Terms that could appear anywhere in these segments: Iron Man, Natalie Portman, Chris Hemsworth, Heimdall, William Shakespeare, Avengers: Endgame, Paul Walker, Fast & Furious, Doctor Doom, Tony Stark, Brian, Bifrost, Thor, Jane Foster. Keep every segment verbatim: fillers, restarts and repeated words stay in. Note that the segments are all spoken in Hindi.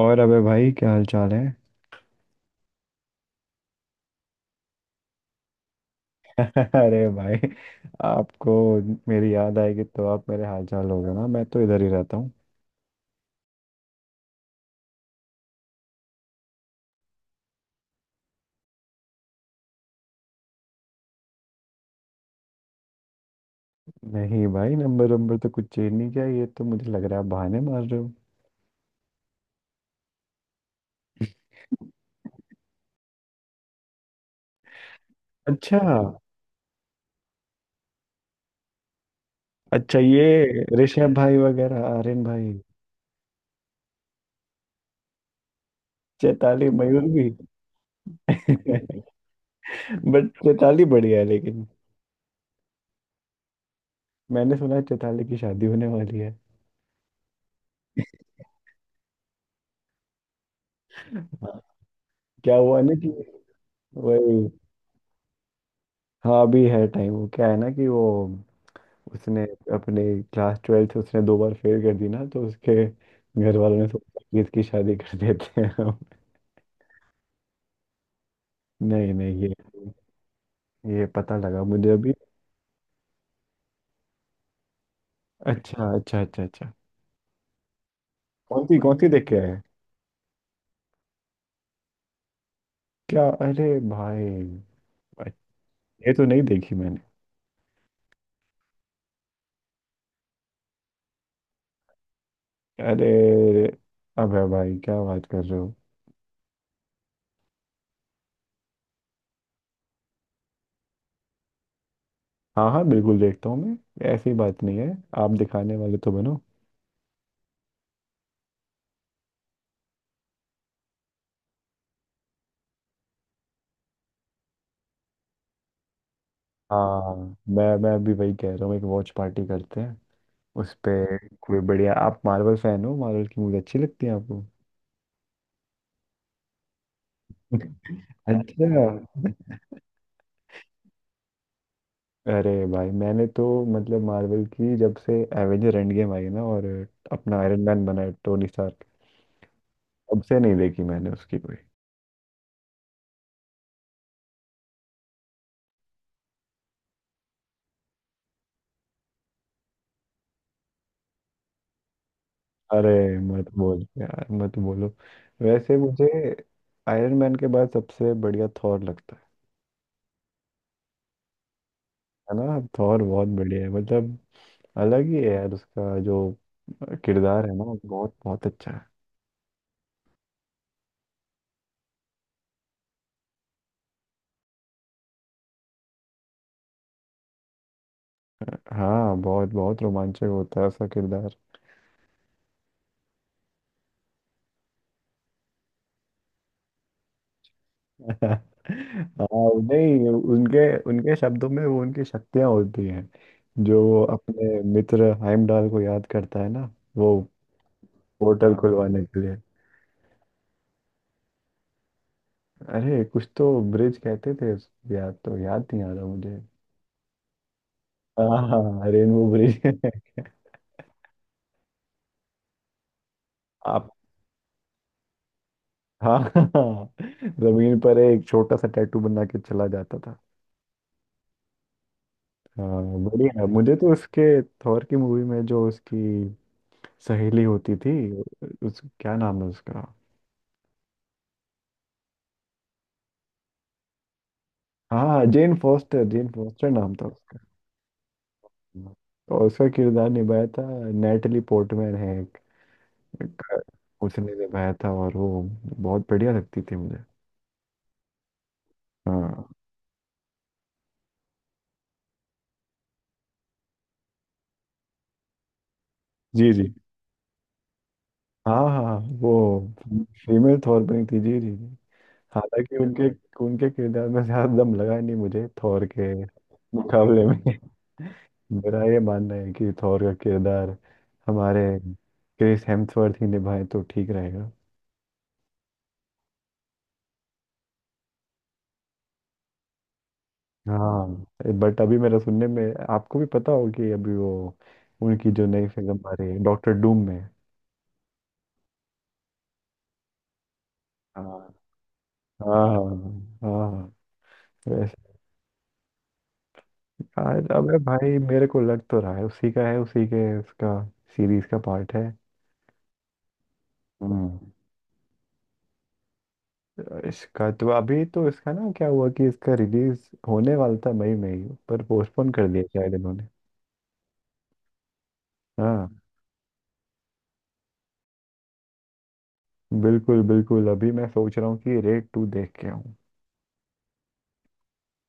और अबे भाई क्या हाल चाल है। अरे भाई, आपको मेरी याद आएगी तो आप मेरे हाल चाल होगा ना। मैं तो इधर ही रहता हूँ। नहीं भाई, नंबर नंबर तो कुछ चेंज नहीं किया। ये तो मुझे लग रहा है आप बहाने मार रहे हो। अच्छा, अच्छा। ये ऋषभ भाई वगैरह, आर्यन भाई? चैताली, मयूर भी? बट चैताली बढ़िया है लेकिन। मैंने सुना है चैताली की शादी होने वाली है। हाँ। क्या हुआ ना कि वही, हाँ। अभी है टाइम। वो क्या है ना कि वो उसने अपने क्लास ट्वेल्थ उसने दो बार फेल कर दी ना, तो उसके घर वालों ने सोचा कि इसकी शादी कर देते हैं हम। नहीं नहीं, ये ये पता लगा मुझे अभी। अच्छा, अच्छा, अच्छा, अच्छा। कौन सी कौन सी देख के आए हैं? क्या? अरे भाई, ये तो नहीं देखी मैंने। अरे, अबे भाई, क्या बात कर रहे हो? हाँ हाँ, बिल्कुल देखता हूँ मैं। ऐसी बात नहीं है। आप दिखाने वाले तो बनो। हाँ, मैं मैं अभी वही कह रहा हूँ, एक वॉच पार्टी करते हैं उस पे। कोई बढ़िया, आप मार्वल फैन हो? मार्वल की मूवी अच्छी लगती है आपको? अच्छा। अरे भाई, मैंने तो, मतलब मार्वल की जब से एवेंजर एंड गेम आई ना, और अपना आयरन मैन बना है टोनी स्टार्क, तब से नहीं देखी मैंने उसकी कोई। अरे, मत बोल यार, मत बोलो। वैसे मुझे आयरन मैन के बाद सबसे बढ़िया थॉर लगता है। है ना, थॉर बहुत बढ़िया है, मतलब अलग ही है यार। उसका जो किरदार है ना, बहुत बहुत अच्छा है। हाँ, बहुत बहुत रोमांचक होता है उसका किरदार। हाँ। नहीं, उनके उनके शब्दों में वो उनकी शक्तियां होती हैं। जो अपने मित्र हाइमडाल को याद करता है ना, वो पोर्टल, हाँ, खुलवाने के लिए। अरे, कुछ तो ब्रिज कहते थे उसको, याद तो याद नहीं आ रहा मुझे। हाँ हाँ हाँ, रेनबो ब्रिज। आप। हाँ हाँ, हाँ, जमीन पर एक छोटा सा टैटू बना के चला जाता था। हाँ, बढ़िया। मुझे तो उसके, थॉर की मूवी में जो उसकी सहेली होती थी उस, क्या नाम है उसका? हाँ, जेन फोस्टर, जेन फोस्टर नाम था उसका। तो उसका किरदार निभाया था नेटली पोर्टमैन है, एक एक- उसने निभाया था, और वो बहुत बढ़िया लगती थी मुझे। हाँ, जी जी, हाँ हाँ, वो फीमेल थॉरबिन थी जी जी जी। हालांकि उनके उनके किरदार में ज्यादा दम लगा नहीं मुझे, थॉर के मुकाबले में। मेरा ये मानना है कि थॉर का किरदार हमारे क्रिस हेम्सवर्थ ही निभाए तो ठीक रहेगा। हाँ। बट अभी मेरा सुनने में, आपको भी पता हो कि अभी वो, उनकी जो नई फिल्म आ रही है डॉक्टर डूम में। हाँ हाँ हाँ। वैसे आज अबे भाई, मेरे को लग तो रहा है उसी का है, उसी के उसका सीरीज का पार्ट है। हम्म। इसका तो, अभी तो इसका ना, क्या हुआ कि इसका रिलीज होने वाला था मई में ही, पर पोस्टपोन कर दिया शायद इन्होंने। हाँ, बिल्कुल बिल्कुल, अभी मैं सोच रहा हूँ कि रेड टू देख के आऊँ।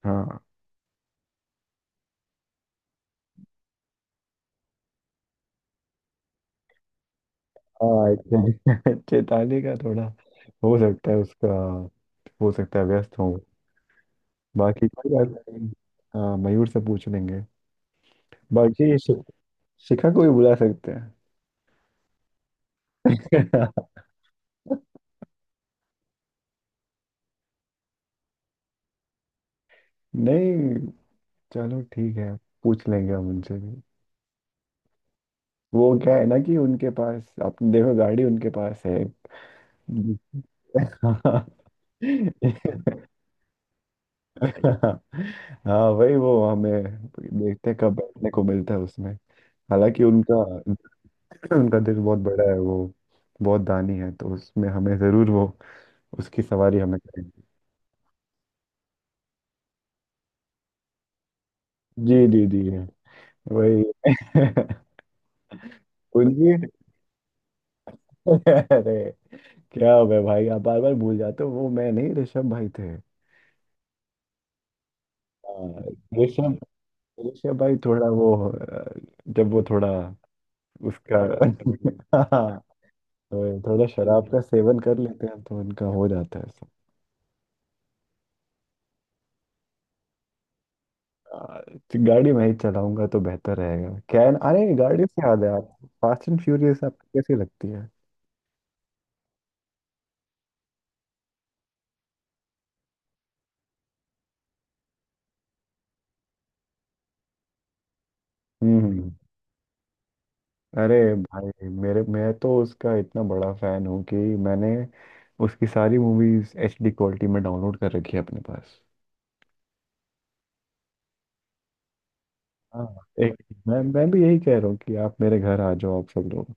हाँ हाँ। चेत- चेताली का थोड़ा, हो सकता है उसका, हो सकता है व्यस्त हो। बाकी कोई बात नहीं। हाँ, मयूर से पूछ लेंगे। बाकी शि, शिखा को भी बुला सकते हैं। नहीं, चलो ठीक है, पूछ लेंगे हम उनसे भी। वो क्या है ना कि उनके पास, आपने देखो, गाड़ी उनके पास है। हाँ हाँ, वही। वो हमें, देखते हैं कब बैठने को मिलता है उसमें। हालांकि उनका उनका दिल बहुत बड़ा है, वो बहुत दानी है, तो उसमें हमें जरूर वो, उसकी सवारी हमें करेंगे। जी जी जी, वही। उनकी। अरे, क्या हो गया भाई, आप बार बार भूल जाते हो। वो मैं नहीं, ऋषभ भाई थे। हाँ, ऋषभ, ऋषभ भाई थोड़ा वो अ, जब वो थोड़ा उसका। हाँ, तो थोड़ा शराब का सेवन कर लेते हैं तो उनका हो जाता है। आ, गाड़ी मैं ही चलाऊंगा तो बेहतर रहेगा। क्या है ना- अरे, गाड़ी से याद है, आप फास्ट एंड फ्यूरियस आपको कैसी लगती है? हम्म हम्म। अरे भाई, मेरे मैं तो उसका इतना बड़ा फैन हूँ कि मैंने उसकी सारी मूवीज एच डी क्वालिटी में डाउनलोड कर रखी है अपने पास। हाँ, एक, मैं मैं भी यही कह रहा हूँ कि आप मेरे घर आ जाओ, आप सब लोग।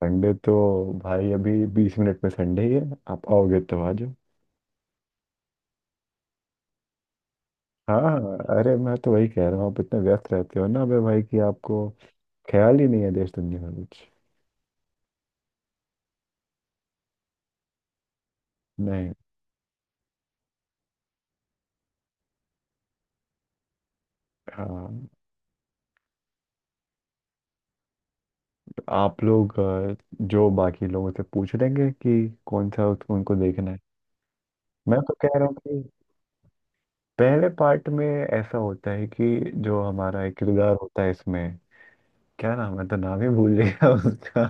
संडे तो भाई, अभी बीस मिनट में संडे ही है। आप आओगे तो आ जाओ। हाँ हाँ, अरे मैं तो वही कह रहा हूँ, आप इतने व्यस्त रहते हो ना अबे भाई कि आपको ख्याल ही नहीं है देश दुनिया का कुछ। नहीं। हाँ। आप लोग अ, जो बाकी लोगों से पूछ लेंगे कि कौन सा उत- उनको देखना है। मैं तो कह रहा हूँ कि पहले पार्ट में ऐसा होता है कि जो हमारा एक किरदार होता है इसमें, क्या नाम है, तो नाम ही भूल गया। उसका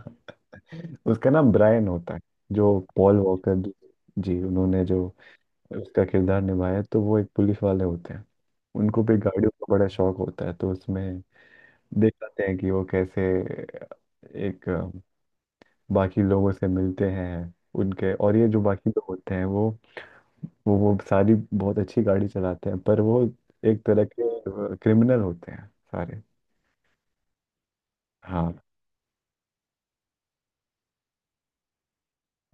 उसका नाम ब्रायन होता है। जो पॉल वॉकर जी, जी, उन्होंने जो उसका किरदार निभाया, तो वो एक पुलिस वाले होते हैं। उनको भी गाड़ियों का बड़ा शौक होता है, तो उसमें देख पाते हैं कि वो कैसे, एक अ, बाकी लोगों से मिलते हैं उनके। और ये जो बाकी लोग होते हैं, वो वो वो सारी बहुत अच्छी गाड़ी चलाते हैं, पर वो एक तरह के क्रिमिनल होते हैं सारे। हाँ,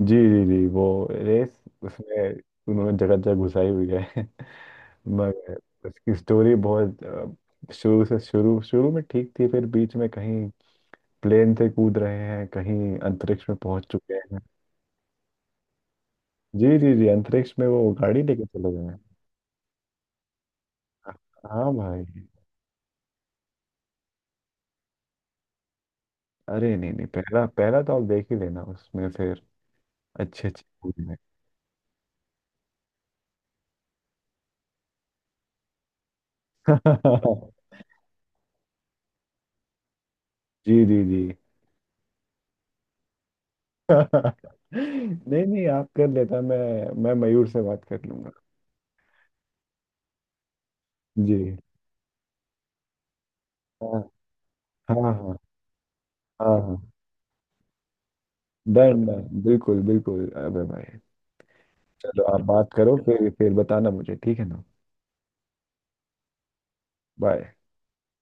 जी जी जी। वो रेस उसमें उन्होंने जगह जगह घुसाई हुई है। मगर उसकी स्टोरी बहुत अ, शुरू से शुरू शुरू में ठीक थी, फिर बीच में कहीं प्लेन से कूद रहे हैं, कहीं अंतरिक्ष में पहुंच चुके हैं। जी जी जी, अंतरिक्ष में वो गाड़ी लेके चले गए हैं। हाँ भाई। अरे नहीं नहीं, पहला पहला तो आप देख ही लेना, उसमें फिर अच्छे अच्छे movie में। जी जी जी। नहीं नहीं, आप कर, लेता मैं मैं मयूर से बात कर लूंगा। जी। हाँ हाँ, हाँ हाँ हाँ, डन डन, बिल्कुल बिल्कुल अबे भाई। चलो आप बात करो, फिर फिर बताना मुझे, ठीक है ना? बाय।